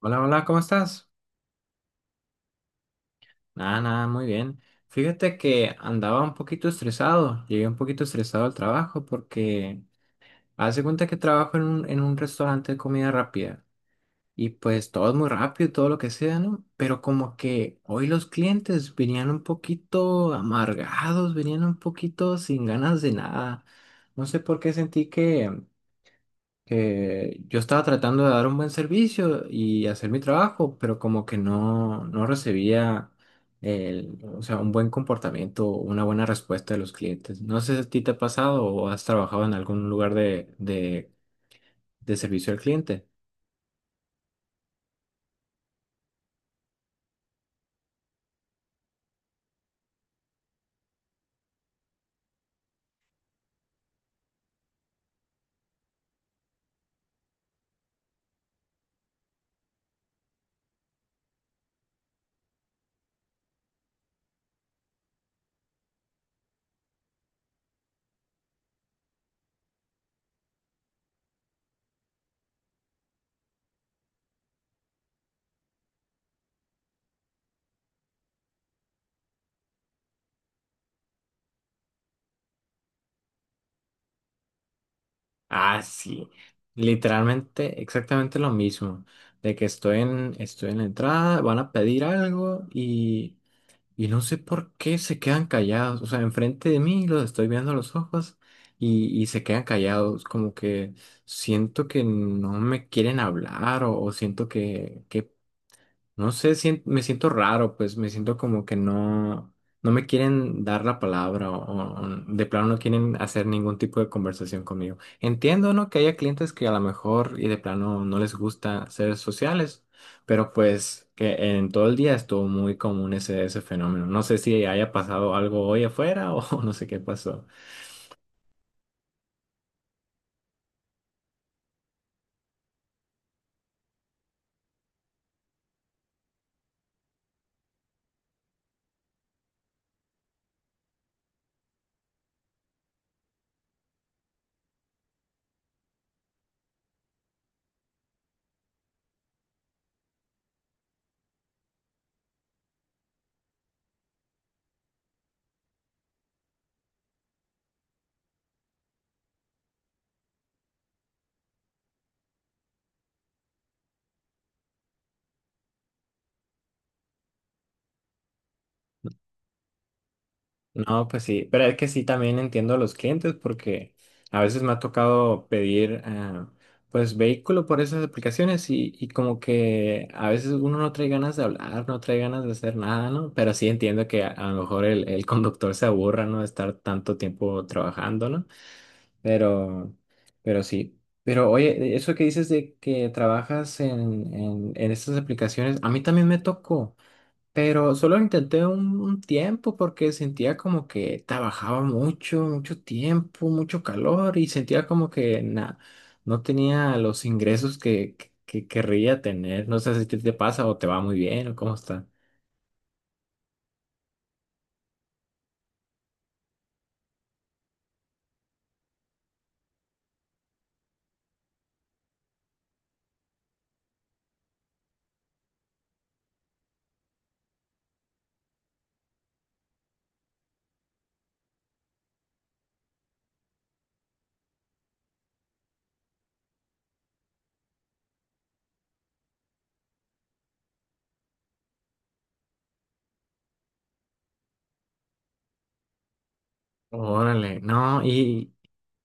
Hola, hola, ¿cómo estás? Nada, nada, muy bien. Fíjate que andaba un poquito estresado, llegué un poquito estresado al trabajo porque hace cuenta que trabajo en un restaurante de comida rápida y pues todo es muy rápido, y todo lo que sea, ¿no? Pero como que hoy los clientes venían un poquito amargados, venían un poquito sin ganas de nada. No sé por qué sentí que yo estaba tratando de dar un buen servicio y hacer mi trabajo, pero como que no, no recibía el, o sea, un buen comportamiento, una buena respuesta de los clientes. No sé si a ti te ha pasado o has trabajado en algún lugar de servicio al cliente. Ah, sí. Literalmente, exactamente lo mismo, de que estoy en la entrada, van a pedir algo y... Y no sé por qué se quedan callados. O sea, enfrente de mí los estoy viendo a los ojos y se quedan callados. Como que siento que no me quieren hablar o siento que no sé, me siento raro, pues me siento como que no, no me quieren dar la palabra o de plano no quieren hacer ningún tipo de conversación conmigo. Entiendo, ¿no? Que haya clientes que a lo mejor y de plano no les gusta ser sociales, pero pues que en todo el día estuvo muy común ese fenómeno. No sé si haya pasado algo hoy afuera o no sé qué pasó. No, pues sí, pero es que sí también entiendo a los clientes porque a veces me ha tocado pedir pues vehículo por esas aplicaciones y como que a veces uno no trae ganas de hablar, no trae ganas de hacer nada, ¿no? Pero sí entiendo que a lo mejor el conductor se aburra, ¿no? De estar tanto tiempo trabajando, ¿no? Pero, pero sí. Pero oye, eso que dices de que trabajas en estas aplicaciones, a mí también me tocó. Pero solo intenté un tiempo porque sentía como que trabajaba mucho, mucho tiempo, mucho calor y sentía como que no tenía los ingresos que querría tener. No sé si te pasa o te va muy bien o cómo está. Órale, no, y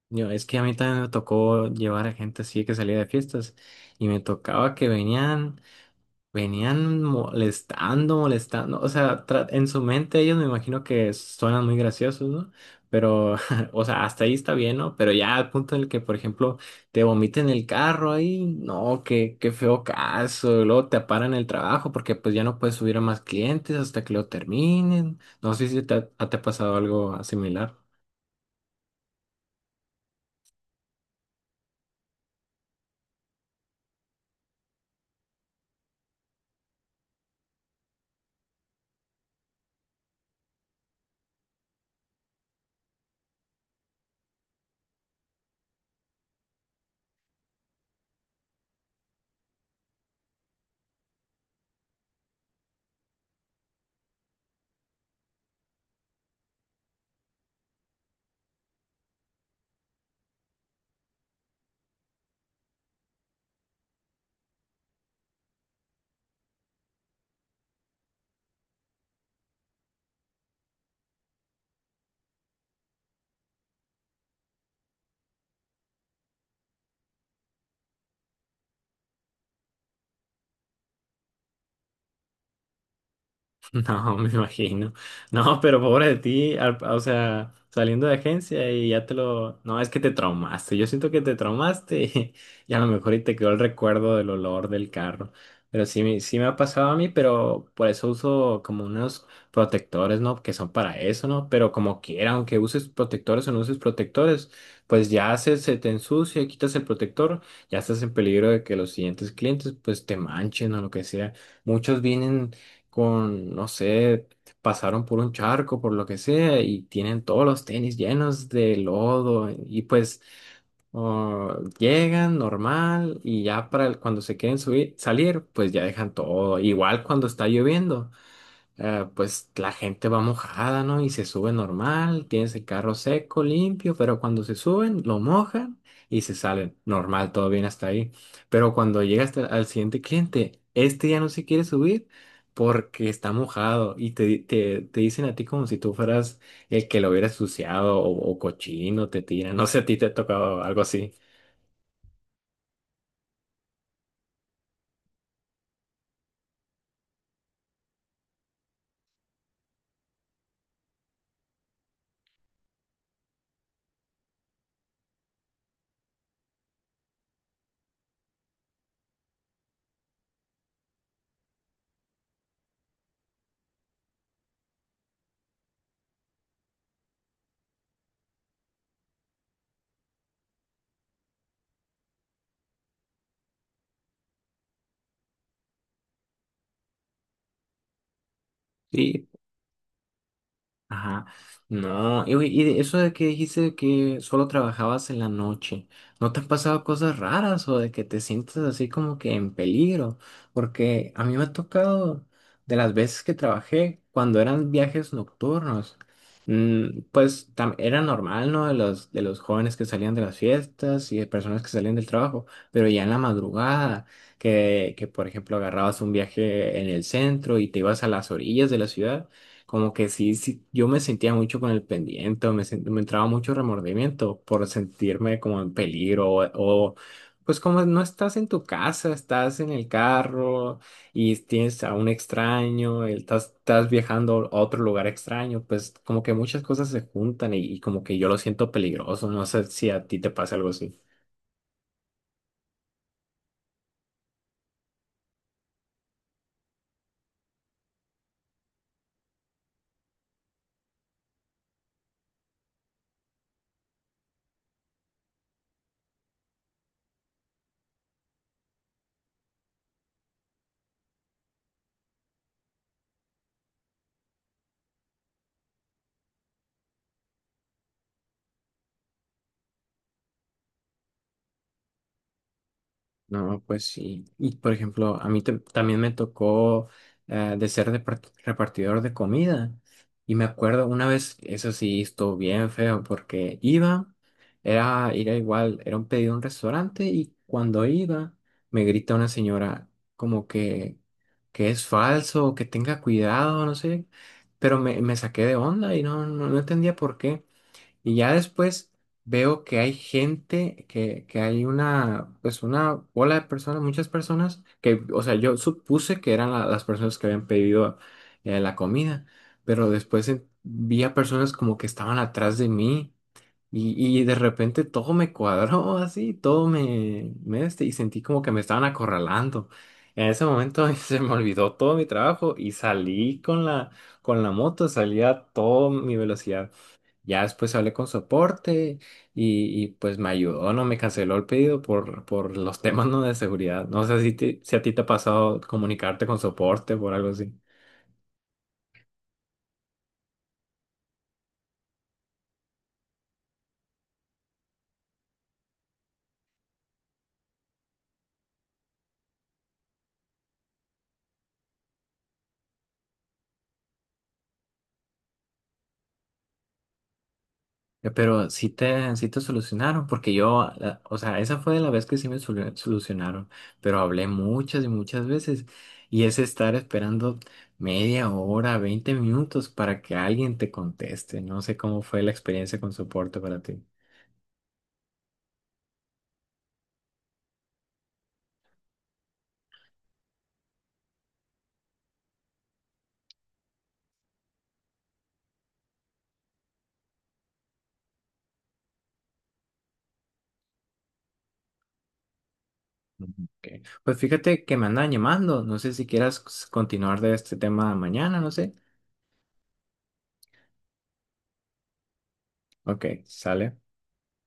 yo, es que a mí también me tocó llevar a gente así que salía de fiestas y me tocaba que venían. Venían molestando, molestando. O sea, en su mente ellos me imagino que suenan muy graciosos, ¿no? Pero, o sea, hasta ahí está bien, ¿no? Pero ya al punto en el que, por ejemplo, te vomiten el carro ahí, no, qué feo caso. Y luego te paran el trabajo porque pues ya no puedes subir a más clientes hasta que lo terminen. No sé si te ha pasado algo similar. No, me imagino. No, pero pobre de ti, o sea, saliendo de agencia y ya te lo... No, es que te traumaste. Yo siento que te traumaste y a lo mejor y te quedó el recuerdo del olor del carro. Pero sí, sí me ha pasado a mí, pero por eso uso como unos protectores, ¿no? Que son para eso, ¿no? Pero como quiera, aunque uses protectores o no uses protectores, pues ya se te ensucia, quitas el protector, ya estás en peligro de que los siguientes clientes pues te manchen o lo que sea. Muchos vienen con, no sé, pasaron por un charco, por lo que sea, y tienen todos los tenis llenos de lodo, y pues oh, llegan normal, y ya para cuando se quieren subir, salir, pues ya dejan todo. Igual cuando está lloviendo pues la gente va mojada, ¿no? Y se sube normal, tienes el carro seco, limpio, pero cuando se suben, lo mojan y se salen. Normal, todo bien hasta ahí. Pero cuando llega al siguiente cliente, este ya no se quiere subir porque está mojado y te dicen a ti como si tú fueras el que lo hubiera ensuciado o cochino, te tiran. No sé, a ti te ha tocado algo así. Ajá, no, y, oye, y de eso de que dijiste que solo trabajabas en la noche, ¿no te han pasado cosas raras o de que te sientes así como que en peligro? Porque a mí me ha tocado de las veces que trabajé cuando eran viajes nocturnos, mm, pues era normal, ¿no? De de los jóvenes que salían de las fiestas y de personas que salían del trabajo, pero ya en la madrugada, que por ejemplo agarrabas un viaje en el centro y te ibas a las orillas de la ciudad. Como que sí, sí, yo me sentía mucho con el pendiente, me entraba mucho remordimiento por sentirme como en peligro o, pues como no estás en tu casa, estás en el carro y tienes a un extraño, estás, estás viajando a otro lugar extraño, pues como que muchas cosas se juntan y como que yo lo siento peligroso, no sé si a ti te pasa algo así. No, pues sí. Y por ejemplo, a mí también me tocó de ser repartidor de comida. Y me acuerdo una vez, eso sí, estuvo bien feo porque iba, era, era igual, era un pedido a un restaurante y cuando iba me grita una señora como que es falso, que tenga cuidado, no sé. Pero me saqué de onda y no, no entendía por qué. Y ya después veo que hay gente, que hay una, pues una bola de personas, muchas personas, que, o sea, yo supuse que eran las personas que habían pedido la comida, pero después vi a personas como que estaban atrás de mí y de repente todo me cuadró así, todo y sentí como que me estaban acorralando. En ese momento se me olvidó todo mi trabajo y salí con con la moto, salí a toda mi velocidad. Ya después hablé con soporte pues me ayudó, no me canceló el pedido por los temas no de seguridad. No sé si a ti te ha pasado comunicarte con soporte por algo así. Pero sí te solucionaron, porque yo, o sea, esa fue la vez que sí me solucionaron, pero hablé muchas y muchas veces y es estar esperando media hora, 20 minutos para que alguien te conteste. No sé cómo fue la experiencia con soporte para ti. Ok. Pues fíjate que me andan llamando. No sé si quieras continuar de este tema mañana, no sé. Ok, sale.